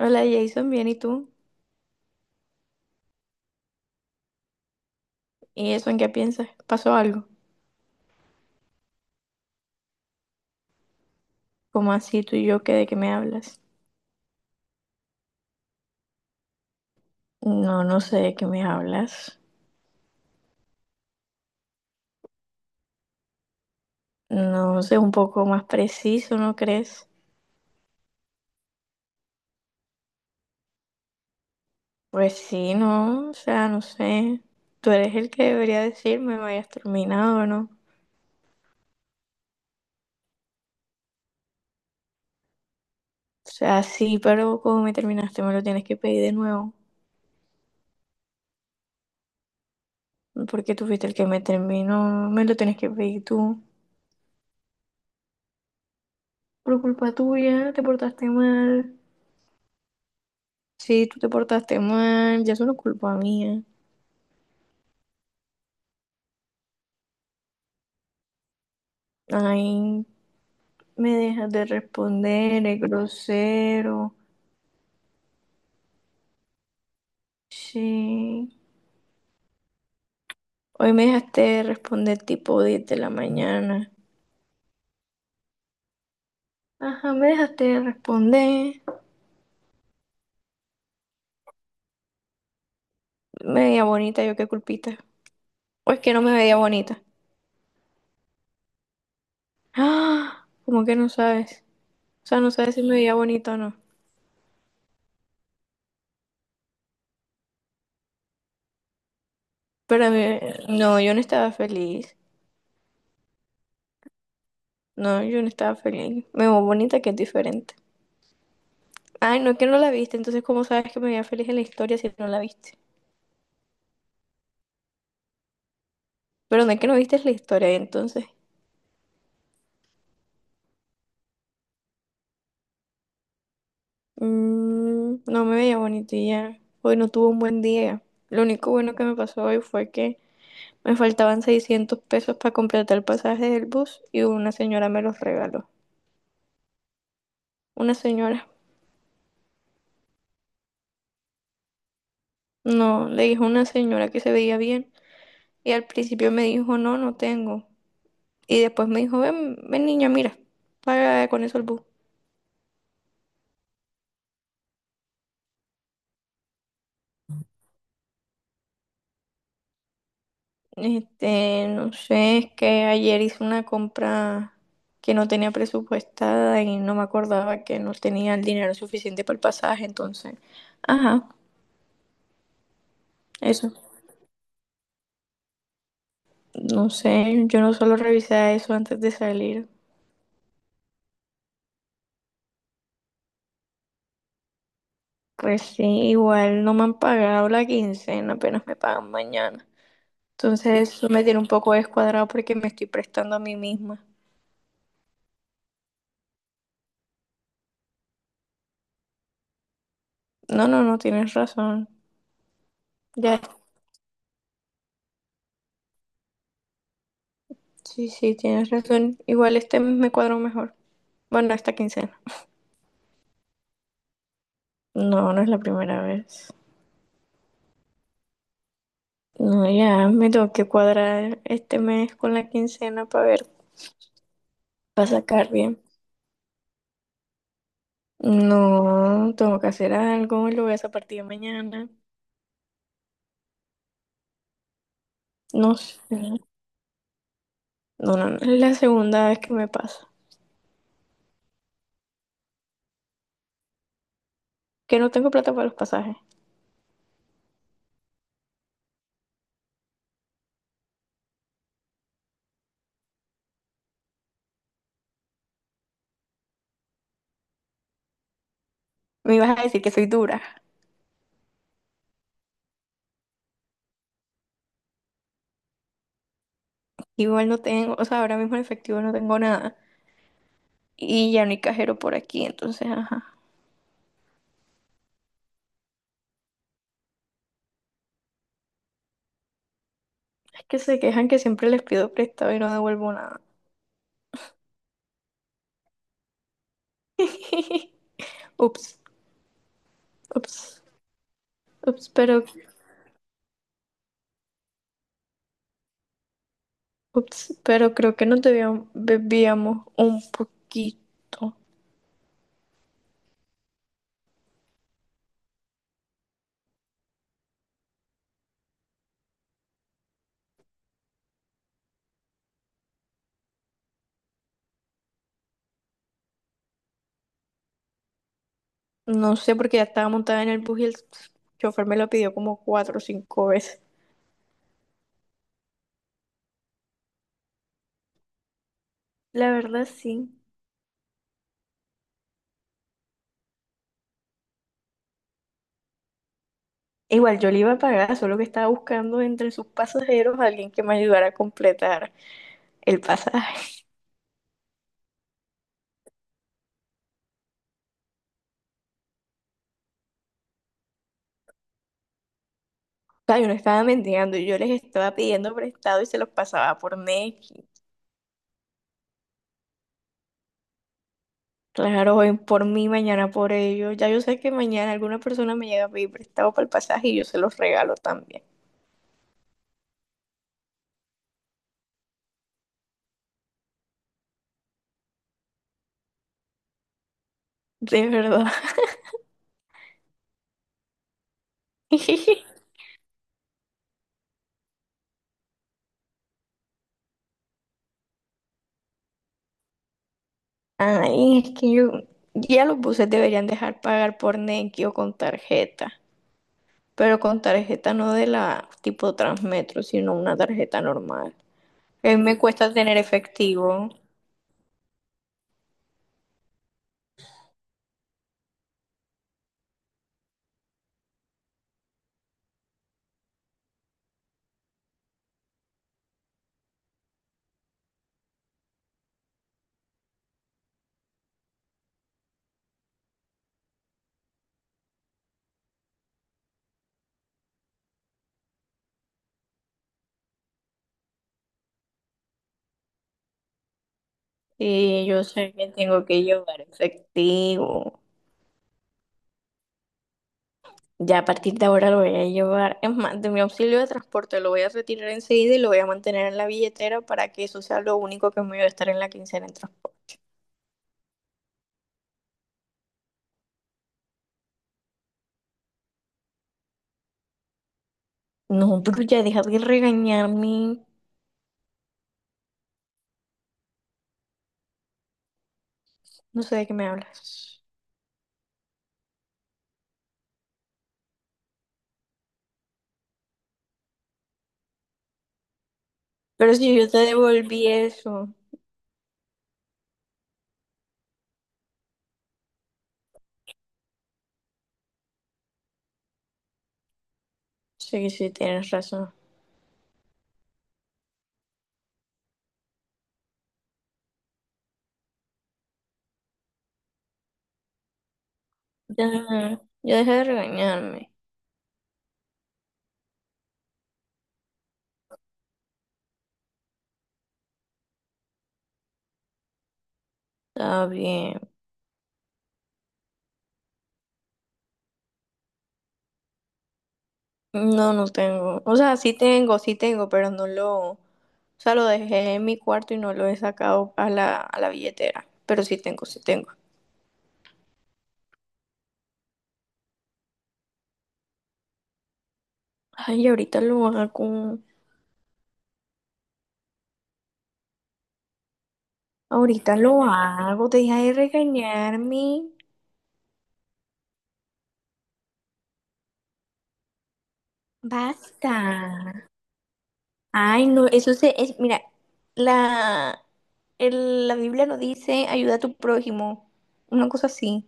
Hola Jason, bien, ¿y tú? ¿Y eso en qué piensas? ¿Pasó algo? ¿Cómo así tú y yo que de qué me hablas? No, no sé de qué me hablas. No sé, un poco más preciso, ¿no crees? Pues sí, no, o sea, no sé. Tú eres el que debería decirme, me hayas terminado o no. O sea, sí, pero como me terminaste, me lo tienes que pedir de nuevo. Porque tú fuiste el que me terminó, me lo tienes que pedir tú. Por culpa tuya, te portaste mal. Sí, tú te portaste mal, ya es una culpa mía. Ay, me dejas de responder, es grosero. Sí. Hoy me dejaste de responder tipo 10 de la mañana. Ajá, me dejaste de responder. Me veía bonita, yo qué culpita. O es que no me veía bonita. Ah, ¿cómo que no sabes? O sea, no sabes si me veía bonita o no. Pero a mí- no, yo no estaba feliz. No, yo no estaba feliz. Me veo bonita que es diferente. Ay, no, que no la viste. Entonces, ¿cómo sabes que me veía feliz en la historia si no la viste? Pero no es que no viste la historia entonces. Mm, no me veía bonito y ya. Hoy no tuve un buen día. Lo único bueno que me pasó hoy fue que me faltaban 600 pesos para completar el pasaje del bus y una señora me los regaló. Una señora. No, le dijo una señora que se veía bien y al principio me dijo no, no tengo. Y después me dijo, ven, ven niña, mira, paga con eso el bus. Este, no sé, es que ayer hice una compra que no tenía presupuestada y no me acordaba que no tenía el dinero suficiente para el pasaje, entonces, ajá, eso. No sé, yo no solo revisé eso antes de salir. Pues sí, igual no me han pagado la quincena, apenas me pagan mañana. Entonces, eso me tiene un poco descuadrado porque me estoy prestando a mí misma. No, no, no, tienes razón. Ya, sí, sí, tienes razón. Igual este mes me cuadro mejor. Bueno, esta quincena. No, no es la primera vez. No, ya me tengo que cuadrar este mes con la quincena para ver, para sacar bien. No, tengo que hacer algo y lo voy a hacer a partir de mañana. No sé. No, no, no. Es la segunda vez que me pasa. Que no tengo plata para los pasajes. Me ibas a decir que soy dura. Igual no tengo, o sea, ahora mismo en efectivo no tengo nada. Y ya no hay cajero por aquí, entonces, ajá. Es que se quejan que siempre les pido prestado y no devuelvo nada. Ups, ups, ups, pero Ups, pero creo que nos debíamos, bebíamos un poquito. No sé, porque ya estaba montada en el bus y el chofer me lo pidió como 4 o 5 veces. La verdad, sí. Igual yo le iba a pagar, solo que estaba buscando entre sus pasajeros a alguien que me ayudara a completar el pasaje. O sea, yo no estaba mendigando, yo les estaba pidiendo prestado y se los pasaba por Nequi. Claro, hoy por mí, mañana por ellos. Ya yo sé que mañana alguna persona me llega a pedir prestado para el pasaje y yo se los regalo también. De verdad. Ay, es que yo, ya los buses deberían dejar pagar por Nequi o con tarjeta, pero con tarjeta no de la tipo Transmetro, sino una tarjeta normal. A mí me cuesta tener efectivo y yo sé que tengo que llevar efectivo. Ya a partir de ahora lo voy a llevar. Es más, de mi auxilio de transporte lo voy a retirar enseguida y lo voy a mantener en la billetera para que eso sea lo único que me voy a estar en la quincena en transporte. No, pero ya deja de regañarme. No sé de qué me hablas. Pero si yo te devolví eso. Sí, sí, tienes razón. Ya, ya dejé de regañarme. Está bien. No, no tengo. O sea, sí tengo, pero no lo. O sea, lo dejé en mi cuarto y no lo he sacado a la billetera. Pero sí tengo, sí tengo. Ay, ahorita lo hago. Ahorita lo hago. Deja de regañarme. Basta. Ay, no, eso se, es, mira, la, el- la Biblia no dice ayuda a tu prójimo, una cosa así.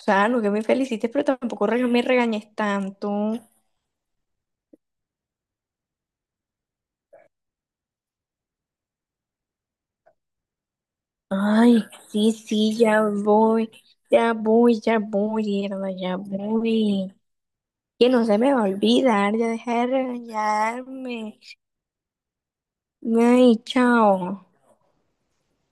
O sea, no que me felicites, pero tampoco me regañes tanto. Ay, sí, sí, ya voy, mierda, ya voy. Que no se me va a olvidar, ya deja de regañarme. Ay, chao.